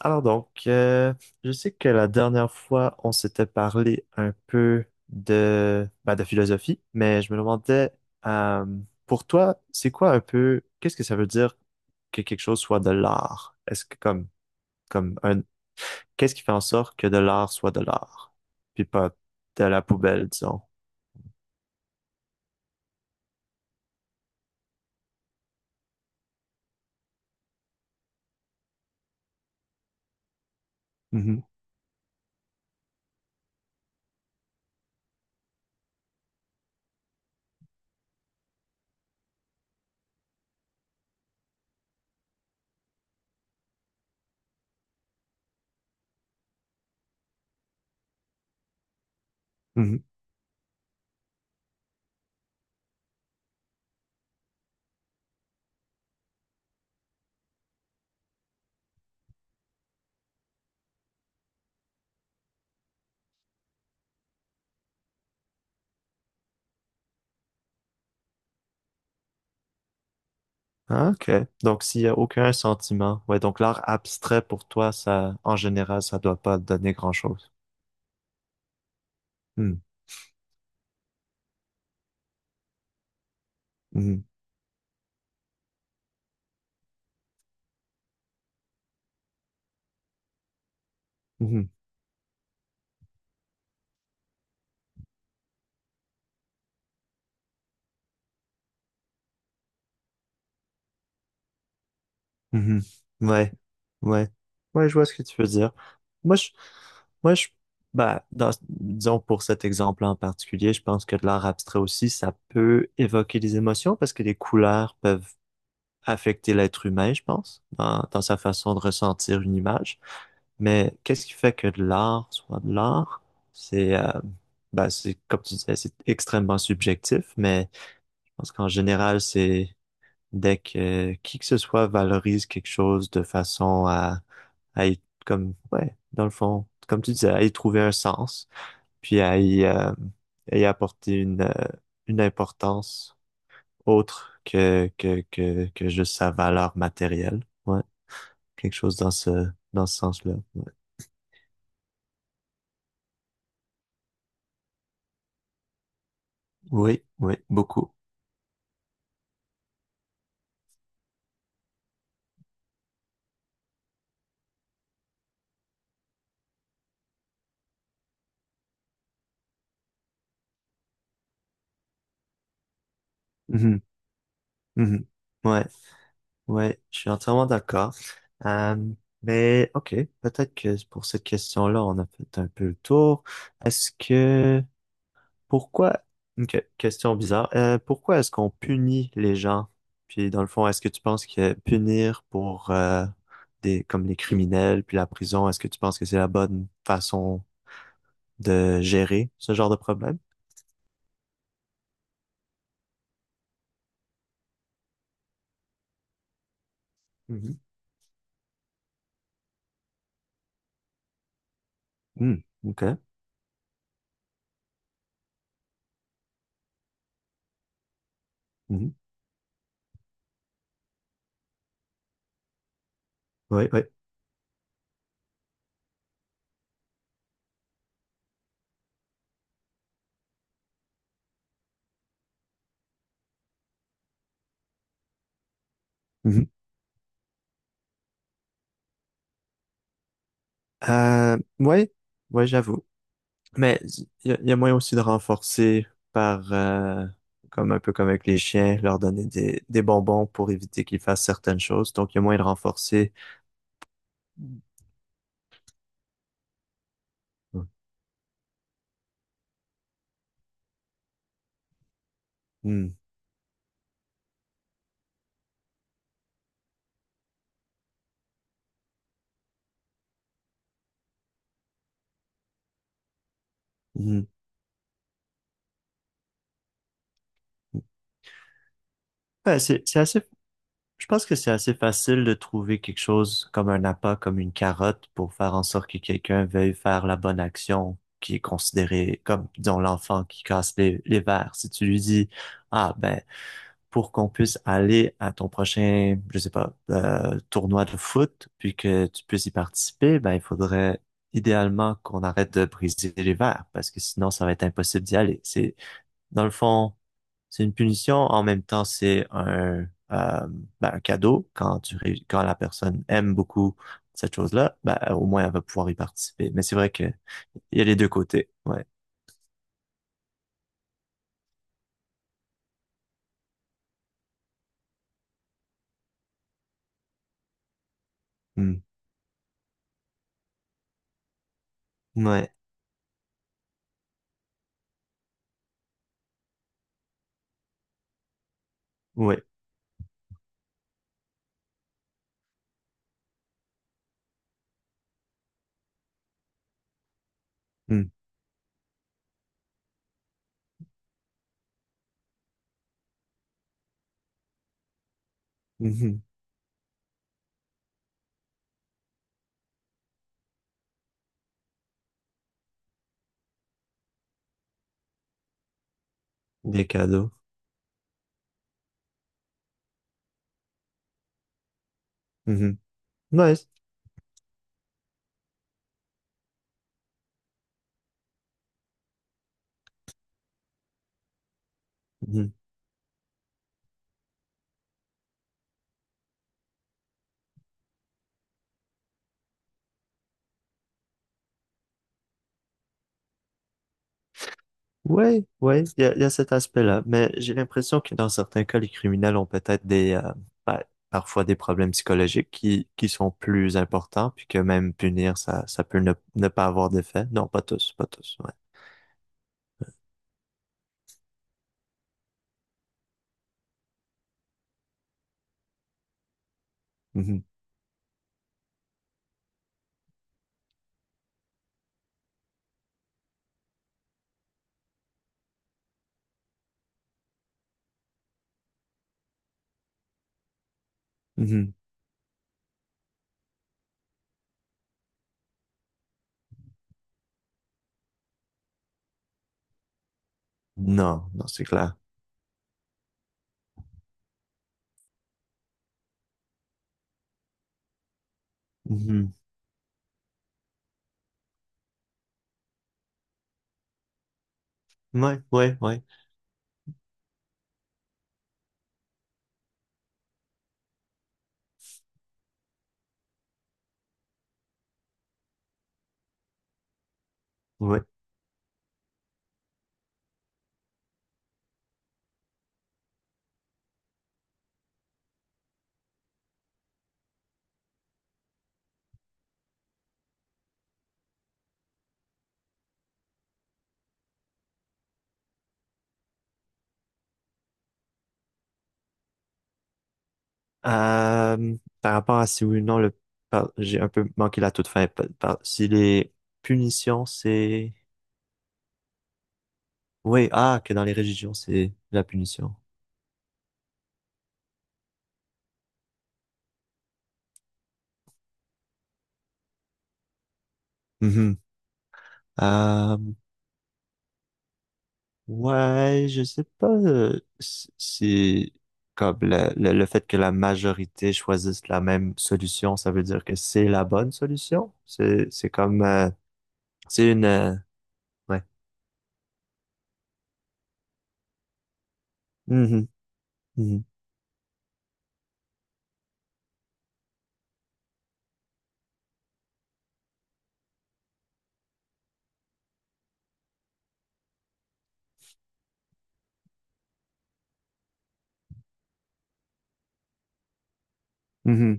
Alors donc, je sais que la dernière fois, on s'était parlé un peu de, bah, de philosophie, mais je me demandais, euh, pour toi, c'est quoi un peu, qu'est-ce que ça veut dire que quelque chose soit de l'art? Est-ce que comme, comme un, qu'est-ce qui fait en sorte que de l'art soit de l'art, puis pas de la poubelle, disons? Mhm, mhm. Ah, ok. Donc, s'il y a aucun sentiment, ouais, donc l'art abstrait pour toi, ça, en général, ça doit pas donner grand-chose. Hmm, mhm, mhm. Mhm. Ouais, ouais, ouais, je vois ce que tu veux dire. Moi, je, moi, je, bah, dans, disons pour cet exemple en particulier, je pense que de l'art abstrait aussi, ça peut évoquer des émotions parce que les couleurs peuvent affecter l'être humain, je pense, dans, dans sa façon de ressentir une image. Mais qu'est-ce qui fait que de l'art soit de l'art? C'est, euh, bah, c'est, comme tu disais, c'est extrêmement subjectif, mais je pense qu'en général, c'est dès que qui que ce soit valorise quelque chose de façon à y, comme, ouais, dans le fond, comme tu disais, à y trouver un sens, puis à y apporter une importance autre que juste sa valeur matérielle. Ouais, quelque chose dans ce sens-là. Ouais. Oui, oui, beaucoup. Mhm, mhm. Ouais. Ouais, je suis entièrement d'accord. Euh, ok, peut-être que pour cette question-là, on a fait un peu le tour. Est-ce que pourquoi Ok, question bizarre. Pourquoi est-ce qu'on punit les gens? Puis dans le fond, est-ce que tu penses que punir pour des comme les criminels puis la prison, est-ce que tu penses que c'est la bonne façon de gérer ce genre de problème? Mhm. Hmm, ok. Mhm. Oui, oui. Mhm. Ouais, ouais, j'avoue. Mais il y a moyen aussi de renforcer par, comme un peu comme avec les chiens, leur donner des bonbons pour éviter qu'ils fassent certaines choses. Donc, il y a moyen de renforcer. Hmm, hmm. Hmm. Ben, c'est assez, je pense que c'est assez facile de trouver quelque chose comme un appât, comme une carotte, pour faire en sorte que quelqu'un veuille faire la bonne action qui est considérée comme, disons, l'enfant qui casse les verres. Si tu lui dis, ah, ben, pour qu'on puisse aller à ton prochain, je sais pas, tournoi de foot, puis que tu puisses y participer, ben, il faudrait idéalement qu'on arrête de briser les verres, parce que sinon, ça va être impossible d'y aller. C'est, dans le fond, c'est une punition, en même temps, euh, ben, un cadeau. Quand tu, ré- quand la personne aime beaucoup cette chose-là, ben, au moins, elle va pouvoir y participer. Mais c'est vrai que il y a les deux côtés. Ouais. Hmm. Ouais. Ouais. Hmm. Mhm. Des cadeaux. Mhm. Ouais. Ouais, ouais, il y a cet aspect-là. Mais j'ai l'impression que dans certains cas, les criminels ont peut-être des, bah, parfois des problèmes psychologiques qui sont plus importants, puis que même punir, ça peut ne, ne pas avoir d'effet. Non, pas tous, pas tous, ouais. Mhm, mhm. Non, non, c'est clair. Mhm. Ouais, ouais, ouais, ouais. Par rapport à si oui ou non, le, par- j'ai un peu manqué la toute fin. Par- par- si les punitions, c'est, oui, ah, que dans les religions, c'est la punition. Mhm. Euh, ouais, je sais pas si si comme le fait que la majorité choisisse la même solution, ça veut dire que c'est la bonne solution. C'est comme c'est une ouais. Mhm, mhm, mhm.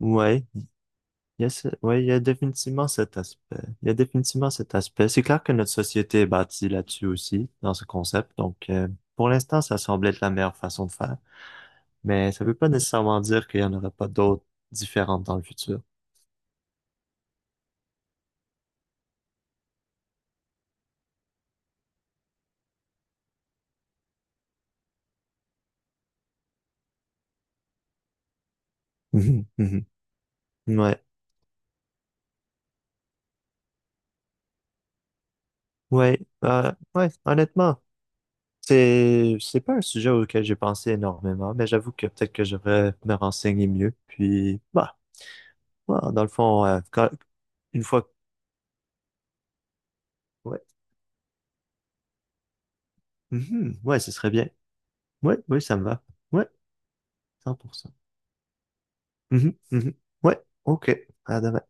Ouais, il y a ce- ouais, il y a définitivement cet aspect. Il y a définitivement cet aspect. C'est clair que notre société est bâtie là-dessus aussi, dans ce concept. Donc pour l'instant, ça semble être la meilleure façon de faire, mais ça veut pas nécessairement dire qu'il y en aura pas d'autres différentes dans le futur. Mhm, mhm. Ouais, ouais, ouais, honnêtement, c'est pas un sujet auquel j'ai pensé énormément, mais j'avoue que peut-être que je devrais me renseigner mieux. Puis, bah, ouais, dans le fond, quand- une fois, que- ouais, mhm, ouais, ce serait bien. Ouais, oui, ça me va. Ouais, 100%. Mhm, mhm. Ouais, ok, à demain.